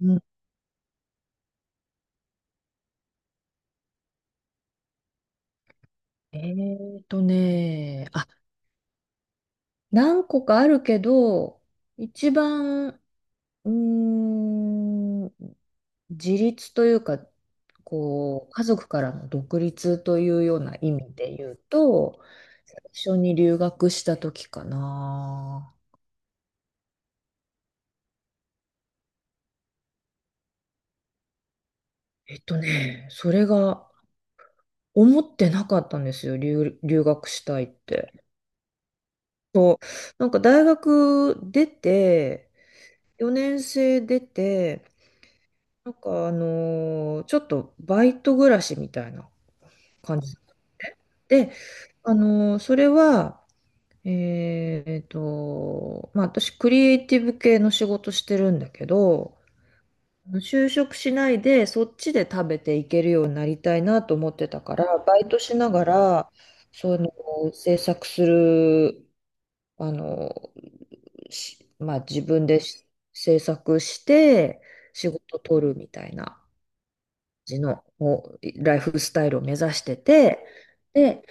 うん、えあ、何個かあるけど、一番、うーん、自立というか、こう、家族からの独立というような意味で言うと、最初に留学した時かな。それが思ってなかったんですよ、留学したいって。そう、なんか大学出て、4年生出て、なんかちょっとバイト暮らしみたいな感じだったのね。で、それは、まあ私クリエイティブ系の仕事してるんだけど、就職しないでそっちで食べていけるようになりたいなと思ってたから、バイトしながら、その制作する、あのしまあ自分で制作して仕事取るみたいな。じのおライフスタイルを目指してて、で、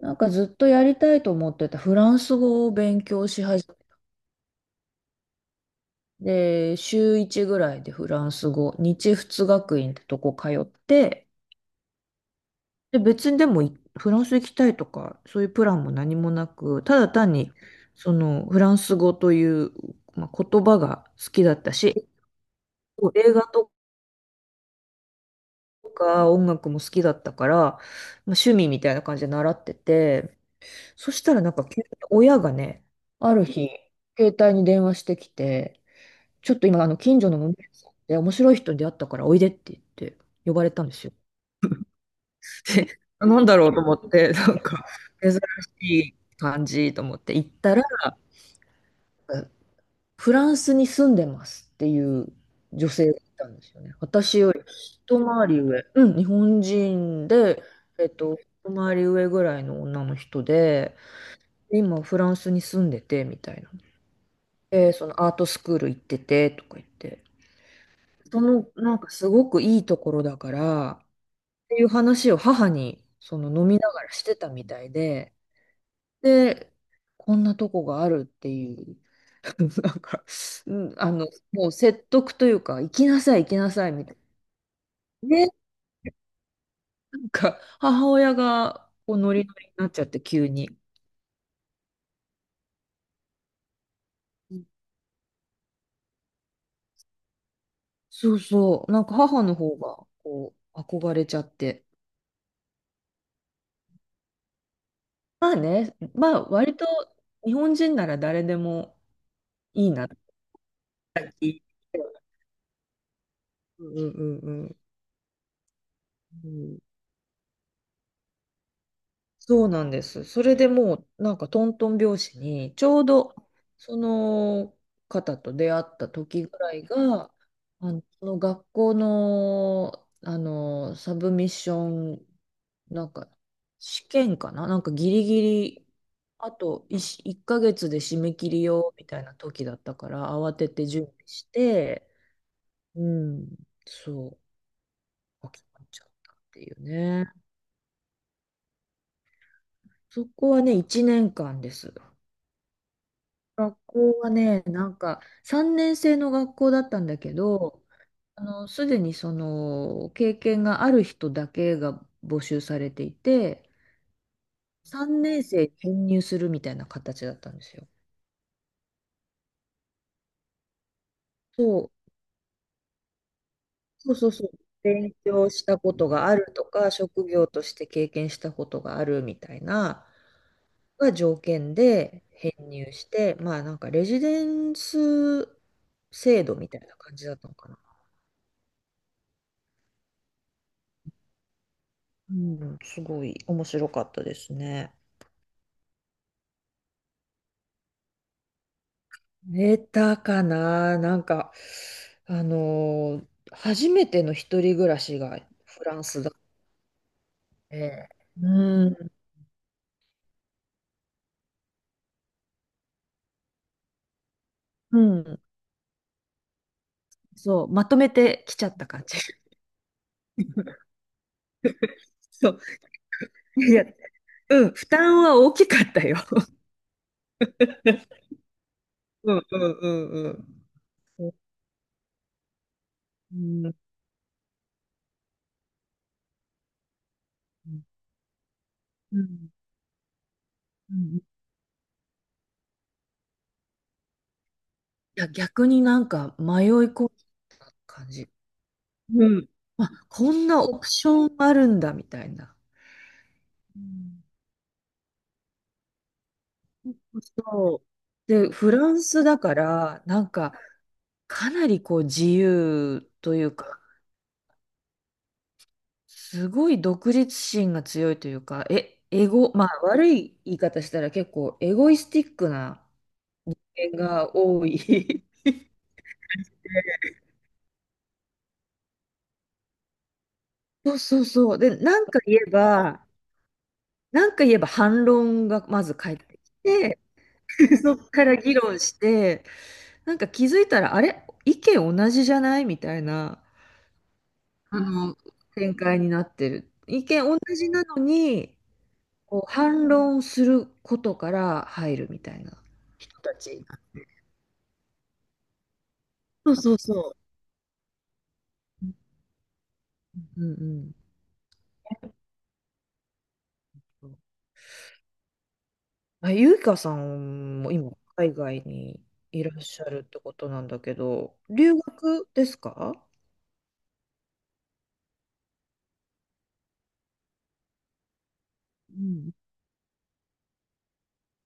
なんかずっとやりたいと思ってたフランス語を勉強し始めて、週1ぐらいでフランス語、日仏学院ってとこ通って、で、別にでもいフランス行きたいとか、そういうプランも何もなく、ただ単に、そのフランス語という、まあ、言葉が好きだったし、映画とか音楽も好きだったから、まあ、趣味みたいな感じで習ってて、そしたらなんか急に親がね、ある日、携帯に電話してきて、ちょっと今、近所の門店さんで面白い人に出会ったからおいでって言って呼ばれたんですよ。で、なんだろうと思って、なんか、珍しい感じと思って行ったら、フランスに住んでますっていう女性がいたんですよね。私より一回り上、うん、日本人で、えっと、一回り上ぐらいの女の人で、今フランスに住んでてみたいな。で、そのアートスクール行っててとか言って、そのなんかすごくいいところだからっていう話を母にその飲みながらしてたみたいで、で、こんなとこがあるっていう、なんか、うんもう説得というか、行きなさい行きなさいみたいな。で、なんか母親がこうノリノリになっちゃって急に。そうそう、なんか母の方がこう憧れちゃって。まあね、まあ割と日本人なら誰でもいいなって。うんうんうんうんうん、そうなんです。それでもうなんかトントン拍子にちょうどその方と出会った時ぐらいがその学校の、サブミッションなんか試験かななんかギリギリあと1、一ヶ月で締め切りよみたいな時だったから慌てて準備してうん、そう、諦めちゃったっていうね。そこはね、1年間です。学校はね、なんか3年生の学校だったんだけど、すでにその経験がある人だけが募集されていて、3年生に編入するみたいな形だったんですよ。そう、そうそうそう。勉強したことがあるとか、職業として経験したことがあるみたいなが条件で編入して、まあなんかレジデンス制度みたいな感じだったのかな。うん、すごい面白かったですね。寝たかな、なんか、あのー初めての一人暮らしがフランスだって、うん、うん、そう、まとめてきちゃった感じ。そう、いや、うん、負担は大きかったよ。うんうんうんうん。うんうんうんうんうん、いや、逆になんか迷い込む感じ。うん。あ、こんなオプションあるんだ、みたいな。うん、そう。で、フランスだから、なんか、かなりこう自由というか、すごい独立心が強いというか、え、エゴ、まあ悪い言い方したら結構エゴイスティックな点が多い。そうそうそう。で、なんか言えば反論がまず返ってきて、そっから議論して、なんか気づいたら、あれ意見同じじゃないみたいなあの、展開になってる。意見同じなのに、こう反論することから入るみたいな人たち。そうそうそう。うんうんうん。あ、ゆいかさんも今、海外にいらっしゃるってことなんだけど、留学ですか？うん。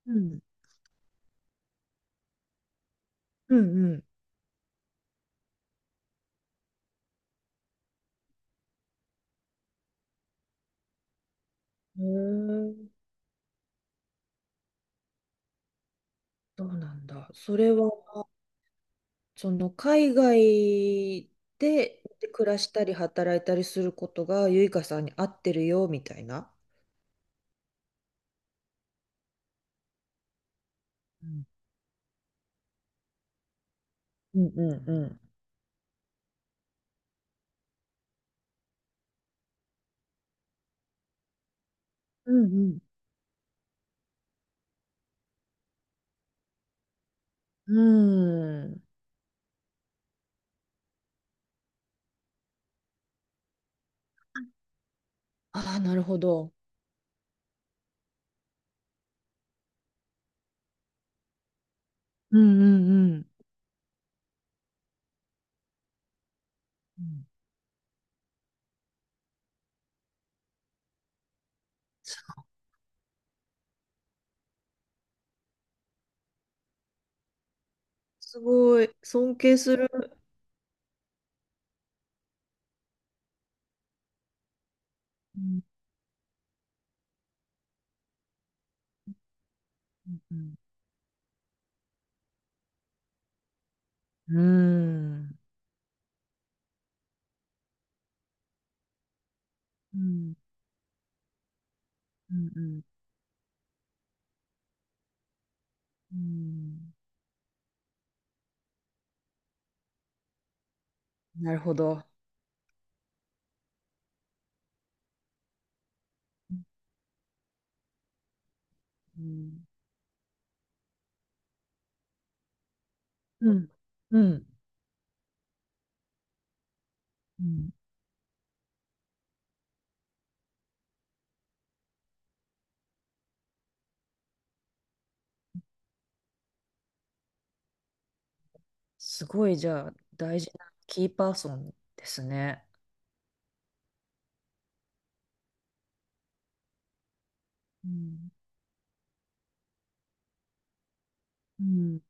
うん。うんうん。へえ、そうなんだ。それはその海外で暮らしたり働いたりすることがゆいかさんに合ってるよみたいな。うんうんうんうん。うんうんうん。ああ、なるほど。うんうんうんうん。すごい。尊敬する。うんうんうん。うんうんうんうん、なるほど。うんうんうん。うん、すごい、じゃあ、大事なキーパーソンですね。うん。うん。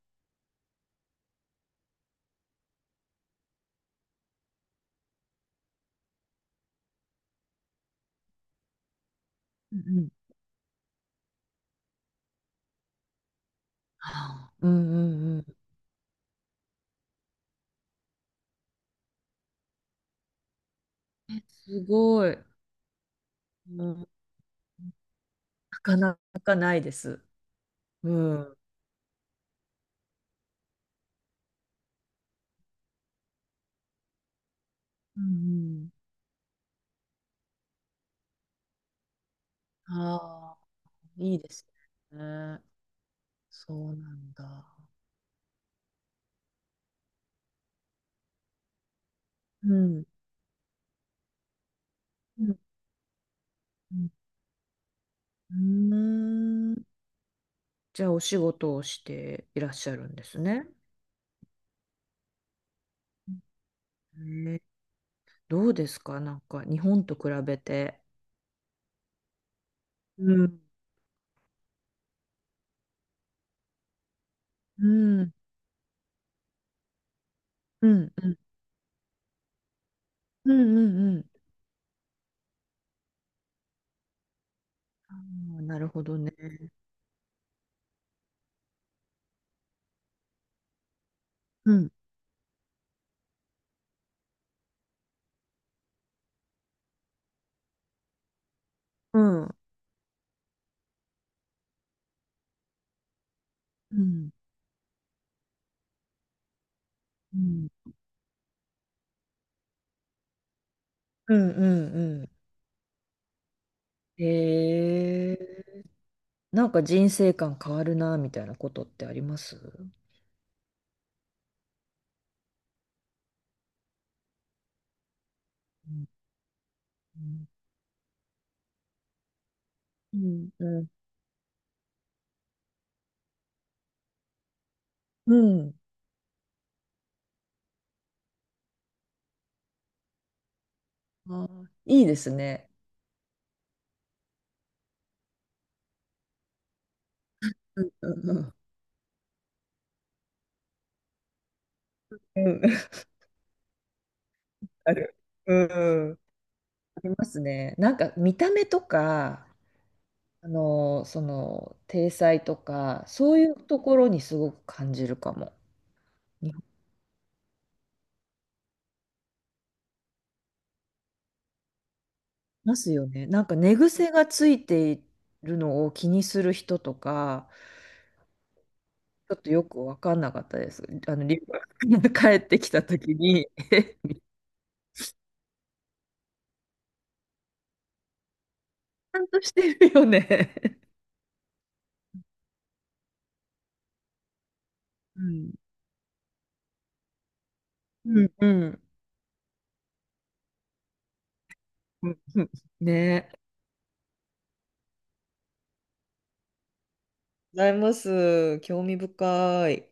うんうん。はあ、うんうんうん。え、すごい。うん、なかなかないです。うん。うんうん、ああ、いいですね。そうなんだ。うん。うん。うんうん。うーん、じゃあ、お仕事をしていらっしゃるんですね。ね、どうですか？なんか、日本と比べて。うん。うん。うん。うん。うん。うん。うん、あーなるほどね。うん。うん。うん。うん。うんうんうん。へえ。なんか人生観変わるな、みたいなことってありますうんうんうんうん。あーいいですね。うんうんうんうん。ある。うんうん。ありますね。なんか見た目とか、その、体裁とか、そういうところにすごく感じるかも。いますよね。なんか寝癖がついているのを気にする人とか、ちょっとよく分かんなかったです。リュックが 帰ってきたときに、ちゃんとしてるよね。うん。うんうん。うん、ねえ。ございます。興味深い。